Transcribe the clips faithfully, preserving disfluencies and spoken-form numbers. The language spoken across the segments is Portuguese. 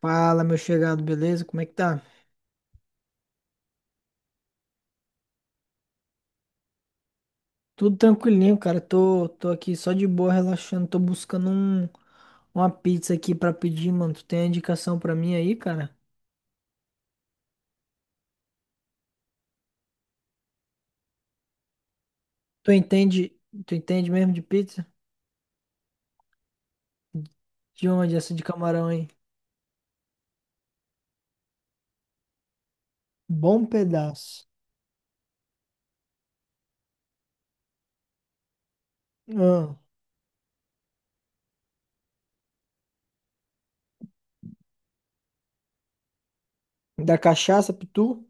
Fala, meu chegado, beleza? Como é que tá? Tudo tranquilinho, cara. Tô, tô aqui só de boa, relaxando. Tô buscando um, uma pizza aqui pra pedir, mano. Tu tem a indicação pra mim aí, cara? Tu entende, tu entende mesmo de pizza? De onde essa de camarão aí? Bom pedaço. Ah, da cachaça, pitu?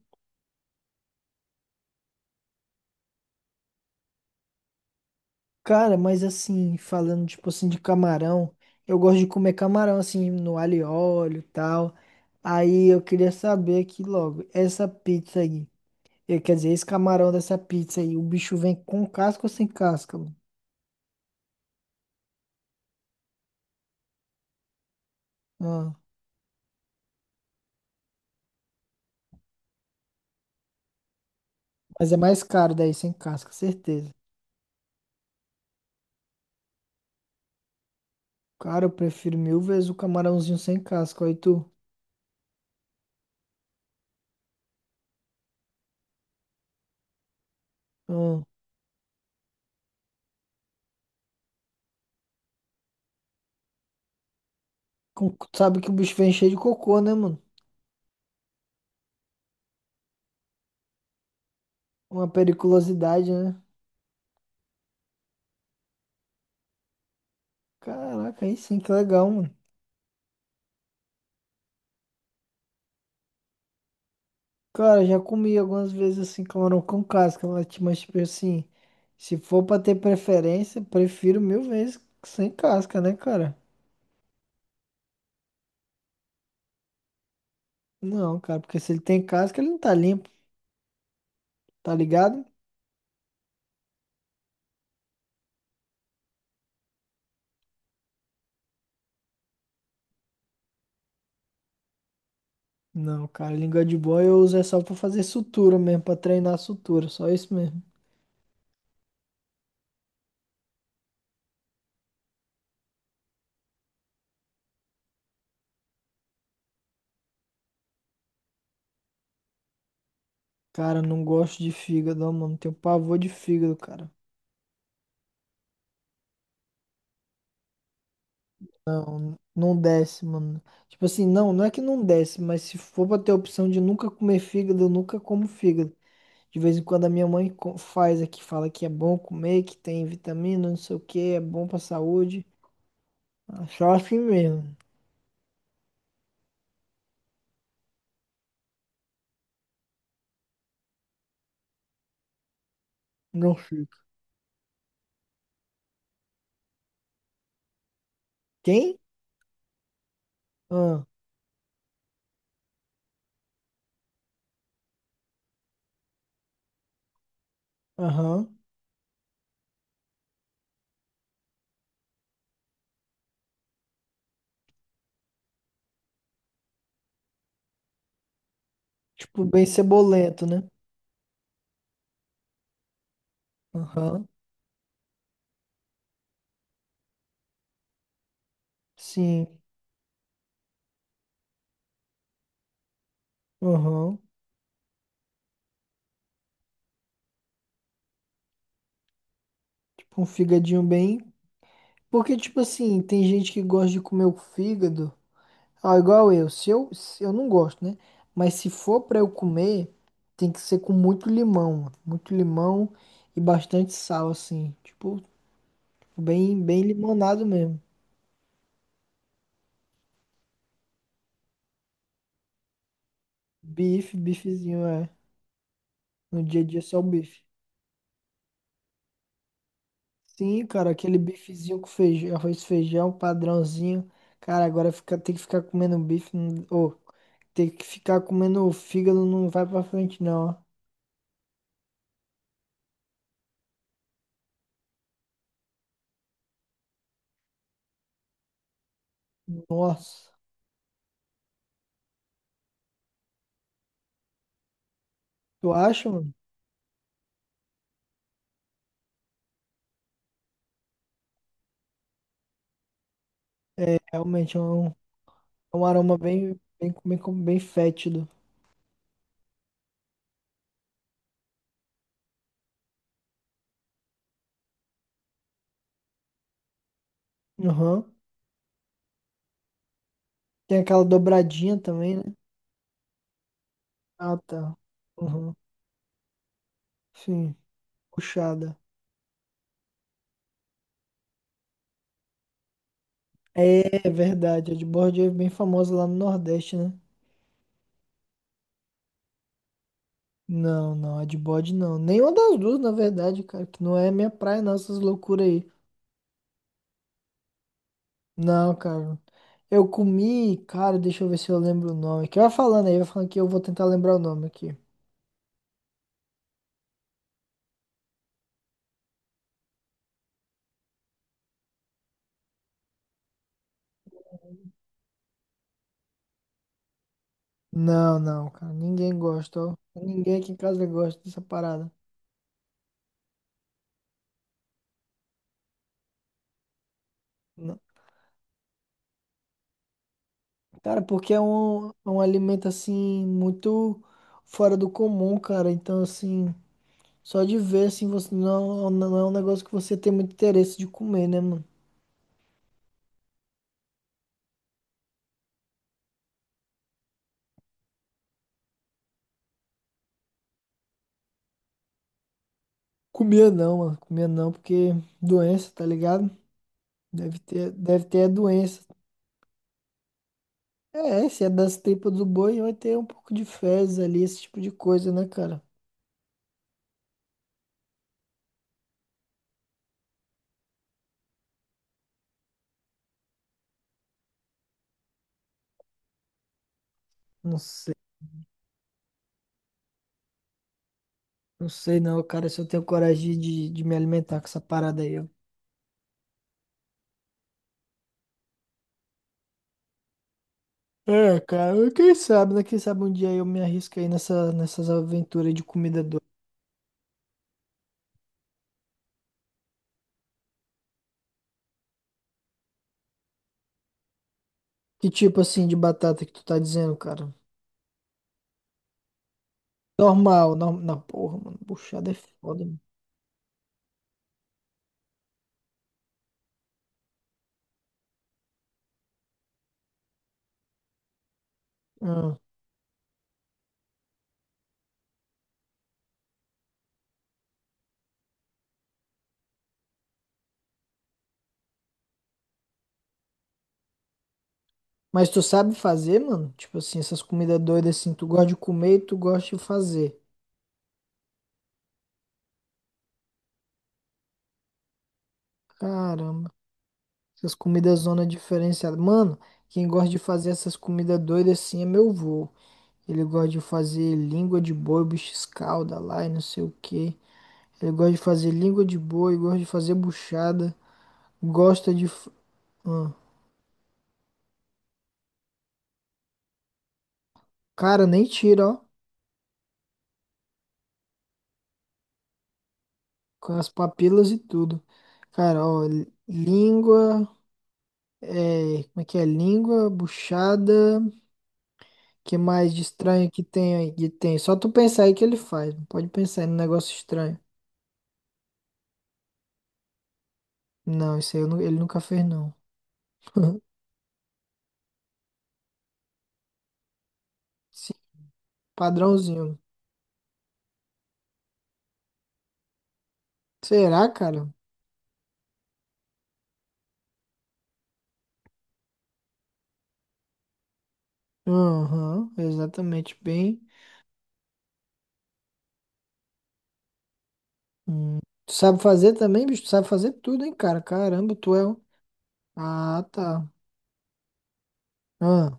Cara, mas assim, falando tipo assim de camarão, eu gosto de comer camarão assim no alho e óleo e tal. Aí eu queria saber aqui logo, essa pizza aí. E, quer dizer, esse camarão dessa pizza aí, o bicho vem com casca ou sem casca, mano? Ah, mas é mais caro daí, sem casca, certeza. Cara, eu prefiro mil vezes o camarãozinho sem casca, aí tu. Ah, com- sabe que o bicho vem cheio de cocô, né, mano? Uma periculosidade, né? Caraca, aí sim, que legal, mano. Cara, já comi algumas vezes assim, camarão com casca, mas tipo mas, tipo assim, se for pra ter preferência, prefiro mil vezes sem casca, né, cara? Não, cara, porque se ele tem casca, ele não tá limpo, tá ligado? Não, cara, língua de boi eu uso é só pra fazer sutura mesmo, pra treinar sutura, só isso mesmo. Cara, não gosto de fígado, ó, mano, tenho pavor de fígado, cara. Não, não desce, mano. Tipo assim, não, não é que não desce, mas se for pra ter a opção de nunca comer fígado, eu nunca como fígado. De vez em quando a minha mãe co- faz aqui, fala que é bom comer, que tem vitamina, não sei o que, é bom pra saúde. Ah, só assim mesmo, não fica. Quem? Ah. Aham. Tipo, bem cebolento, né? Aham. Sim. Aham. Tipo um fígadinho bem. Porque, tipo assim, tem gente que gosta de comer o fígado. Ah, igual eu. Se eu, se- eu não gosto, né? Mas se for pra eu comer, tem que ser com muito limão. Mano. Muito limão e bastante sal, assim. Tipo, bem, bem limonado mesmo. Bife, bifezinho, é. No dia a dia só o bife. Sim, cara, aquele bifezinho com feijão, arroz, e feijão, padrãozinho. Cara, agora fica, tem que ficar comendo bife. Ô. Ter que ficar comendo fígado não vai pra frente, não, ó. Nossa. Tu acha, mano? Realmente é um, é um aroma bem, bem, bem, bem fétido. Aham. Tem aquela dobradinha também, né? Ah, tá. Aham. Sim. Puxada. É verdade. A de bode é bem famosa lá no Nordeste, né? Não, não. A de bode não. Nenhuma das duas, na verdade, cara. Que não é minha praia, não, essas loucuras aí. Não, cara. Eu comi, cara, deixa eu ver se eu lembro o nome aqui. Vai falando aí, vai falando que eu vou tentar lembrar o nome aqui. Não, não, cara. Ninguém gosta, ó. Ninguém aqui em casa gosta dessa parada. Não. Cara, porque é um, é um alimento, assim, muito fora do comum, cara. Então, assim, só de ver, assim, você não, não é um negócio que você tem muito interesse de comer, né, mano? Comia não, mano. Comia não, porque doença, tá ligado? Deve ter, deve ter a doença. É, se é das tripas do boi, vai ter um pouco de fezes ali, esse tipo de coisa, né, cara? Não sei. Não sei não, cara, se eu tenho coragem de, de me alimentar com essa parada aí, ó. É, cara, quem sabe, né? Quem sabe um dia eu me arrisco aí nessa, nessas aventuras de comida doida. Que tipo assim de batata que tu tá dizendo, cara? Normal, normal. Não, porra, mano, buchada é foda, mano. Ah, mas tu sabe fazer, mano? Tipo assim, essas comidas doidas assim, tu gosta de comer e tu gosta de fazer. Caramba. Essas comidas zona diferenciada. Mano, quem gosta de fazer essas comidas doidas assim é meu vô. Ele gosta de fazer língua de boi, bicho escalda lá e não sei o que. Ele gosta de fazer língua de boi, gosta de fazer buchada. Gosta de. f- hum. Cara, nem tira, ó. Com as papilas e tudo. Cara, ó. li- Língua. É, como é que é? Língua, buchada. Que mais de estranho que tem aí? Que tem. Só tu pensar aí que ele faz. Não pode pensar aí no negócio estranho. Não, isso aí eu nu- ele nunca fez, não. Sim, padrãozinho. Será, cara? Aham, exatamente. Bem. Hum. Tu sabe fazer também, bicho? Tu sabe fazer tudo, hein, cara? Caramba, tu é. um- ah, tá. Ah.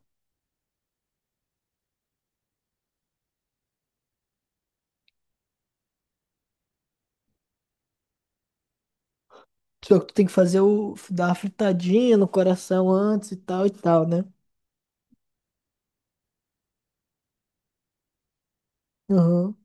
Só que tu tem que fazer o. dar uma fritadinha no coração antes e tal e tal, né? Aham.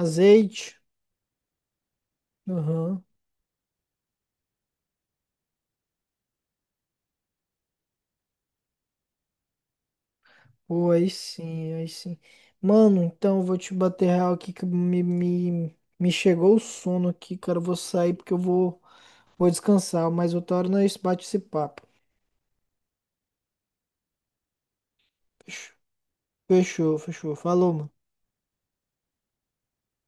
Azeite. Aham. Pô, aí sim, aí sim. Mano, então eu vou te bater real aqui que me, me, me chegou o sono aqui, cara. Eu vou sair porque eu vou. Vou descansar, mas eu torno a esse bate esse papo. Fechou, fechou. Falou, mano.